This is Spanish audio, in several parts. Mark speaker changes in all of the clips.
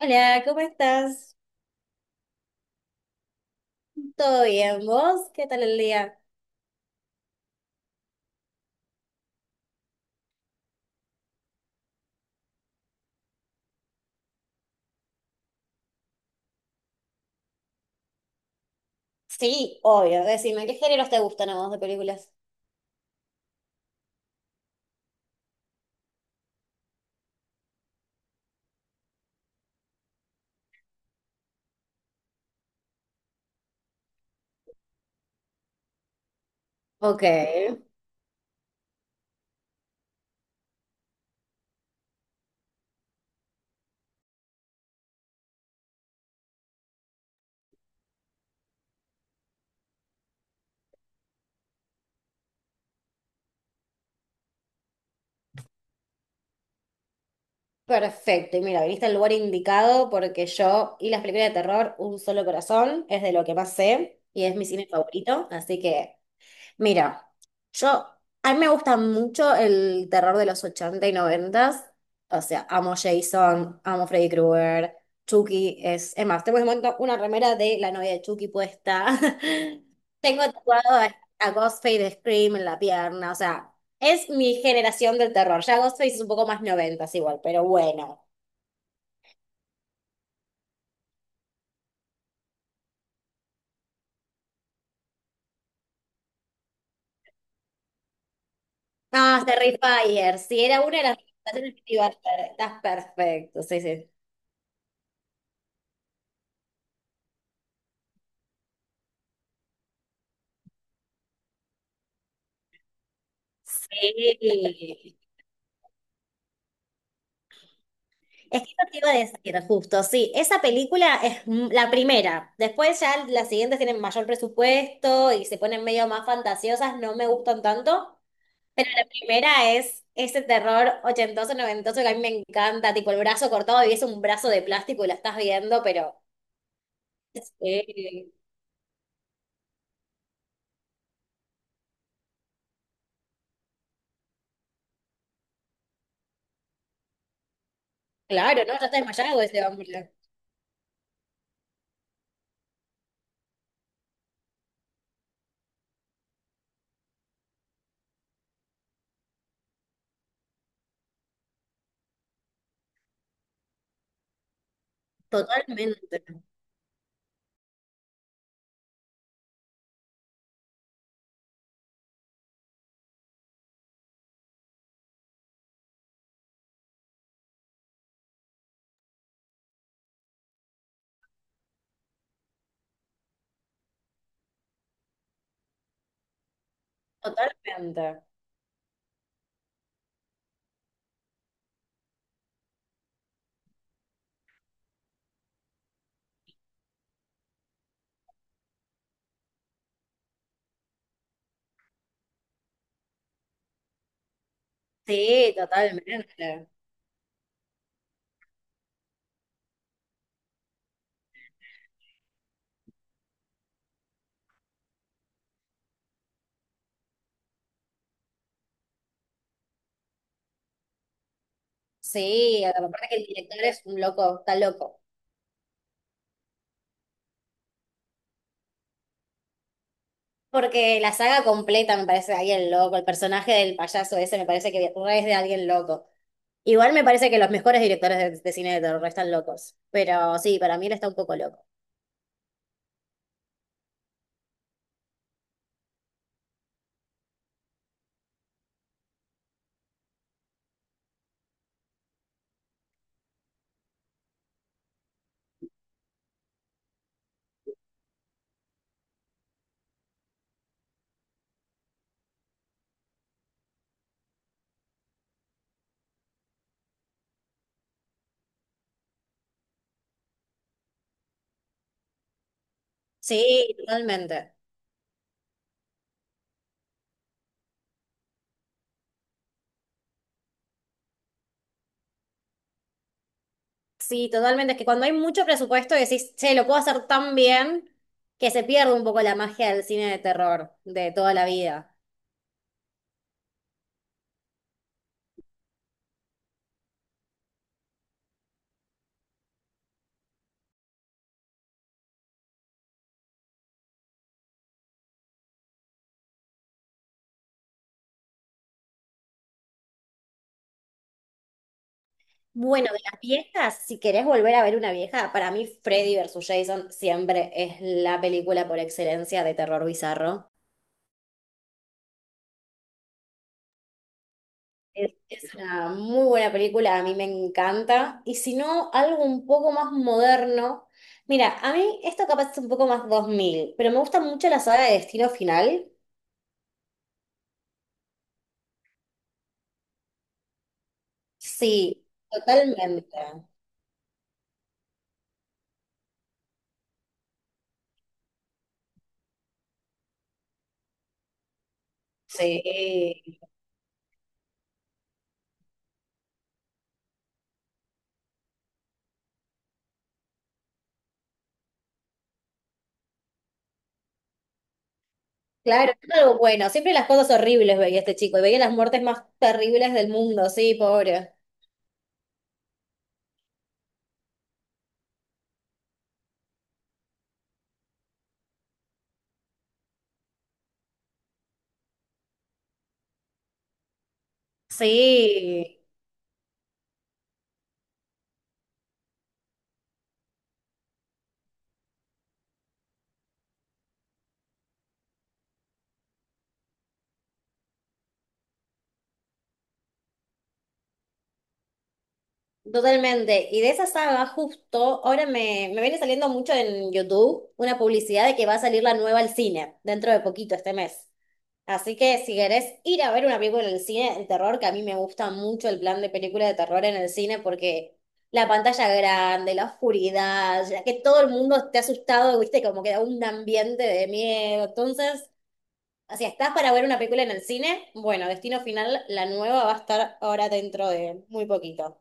Speaker 1: Hola, ¿cómo estás? ¿Todo bien? ¿Vos? ¿Qué tal el día? Sí, obvio. Decime, ¿qué géneros te gustan a vos de películas? Ok, perfecto. Y mira, viniste al lugar indicado porque yo y las películas de terror, Un solo corazón, es de lo que más sé y es mi cine favorito, así que mira, yo, a mí me gusta mucho el terror de los 80 y 90. O sea, amo Jason, amo Freddy Krueger, Chucky es... Es más, tengo en este momento una remera de la novia de Chucky puesta. Tengo tatuado a Ghostface de Scream en la pierna. O sea, es mi generación del terror. Ya Ghostface es un poco más noventas igual, pero bueno. Ah, Terrifier. Si era una de las generaciones que te iba a hacer. Estás perfecto, sí, sí. Sí. Es que eso te iba a decir, justo, sí, esa película es la primera, después ya las siguientes tienen mayor presupuesto y se ponen medio más fantasiosas, no me gustan tanto. La primera es ese terror ochentoso, noventoso que a mí me encanta, tipo el brazo cortado y es un brazo de plástico y la estás viendo, pero... Sí, claro, ¿no? Ya está desmayado ese hombre. Totalmente, totalmente. Sí, totalmente. Sí, aparte que el director es un loco, está loco. Porque la saga completa me parece de alguien loco, el personaje del payaso ese me parece que re es de alguien loco. Igual me parece que los mejores directores de cine de terror están locos, pero sí, para mí él está un poco loco. Sí, totalmente. Sí, totalmente. Es que cuando hay mucho presupuesto decís, che, lo puedo hacer tan bien que se pierde un poco la magia del cine de terror de toda la vida. Bueno, de las viejas, si querés volver a ver una vieja, para mí Freddy versus Jason siempre es la película por excelencia de terror bizarro. Es una muy buena película, a mí me encanta. Y si no, algo un poco más moderno. Mira, a mí esto capaz es un poco más 2000, pero me gusta mucho la saga de Destino Final. Sí, totalmente. Sí, claro, es algo bueno. Siempre las cosas horribles veía este chico y veía las muertes más terribles del mundo, sí, pobre. Sí. Totalmente. Y de esa saga, justo, ahora me viene saliendo mucho en YouTube una publicidad de que va a salir la nueva al cine dentro de poquito, este mes. Así que si querés ir a ver una película en el cine de terror, que a mí me gusta mucho el plan de película de terror en el cine porque la pantalla grande, la oscuridad, ya que todo el mundo esté asustado, viste, como queda un ambiente de miedo. Entonces, si estás para ver una película en el cine, bueno, Destino Final, la nueva va a estar ahora dentro de muy poquito.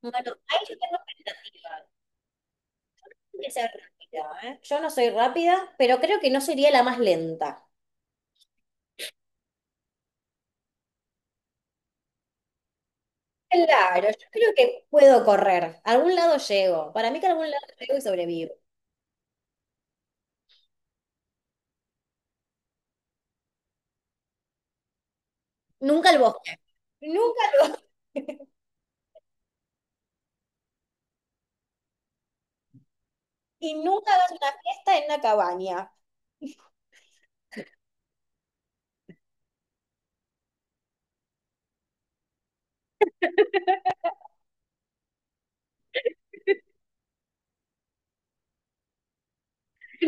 Speaker 1: Bueno, ahí yo tengo expectativa. Tiene que ser rápida, ¿eh? Yo no soy rápida, pero creo que no sería la más lenta. Claro, yo creo que puedo correr. A algún lado llego. Para mí que a algún lado llego y sobrevivo. Nunca al bosque. Nunca al bosque. Y nunca hagas una fiesta en una cabaña.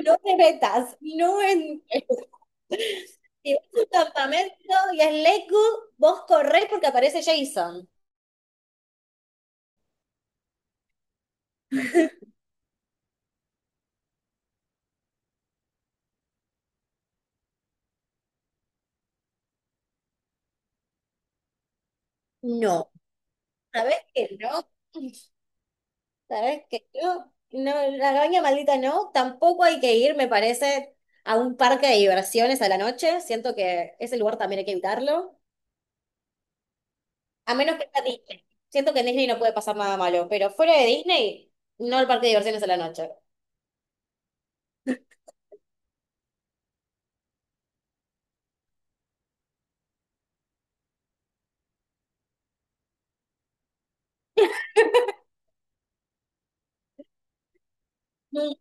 Speaker 1: No te metas. No en... Si vas a un campamento y es Lakewood, vos corrés porque aparece Jason. No. ¿Sabés que no? ¿Sabes que yo, no, la Granja Maldita no, tampoco hay que ir, me parece, a un parque de diversiones a la noche? Siento que ese lugar también hay que evitarlo. A menos que sea Disney. Siento que en Disney no puede pasar nada malo, pero fuera de Disney, no el parque de diversiones a la noche. Nun-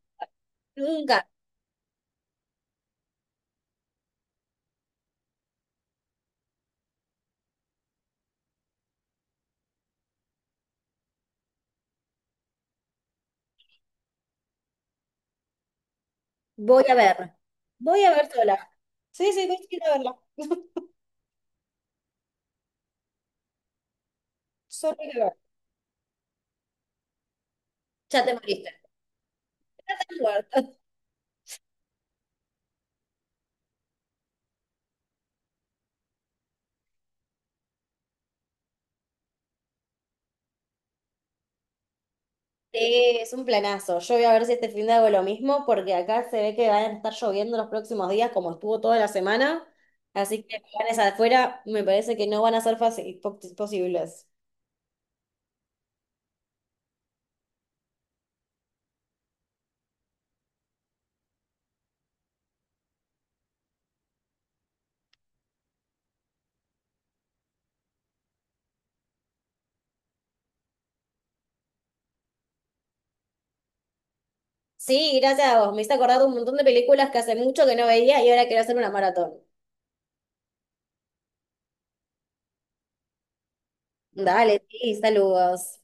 Speaker 1: Nunca. Voy a ver. Voy a ver sola. Sí, sí, voy a ir a verla. Solo voy a ver. Ya te moriste. Ya estás muerto. Sí, es un planazo. Yo voy a ver si este fin de hago lo mismo, porque acá se ve que van a estar lloviendo los próximos días, como estuvo toda la semana. Así que planes afuera me parece que no van a ser fácil, posibles. Sí, gracias a vos. Me hice acordar de un montón de películas que hace mucho que no veía y ahora quiero hacer una maratón. Dale, sí, saludos.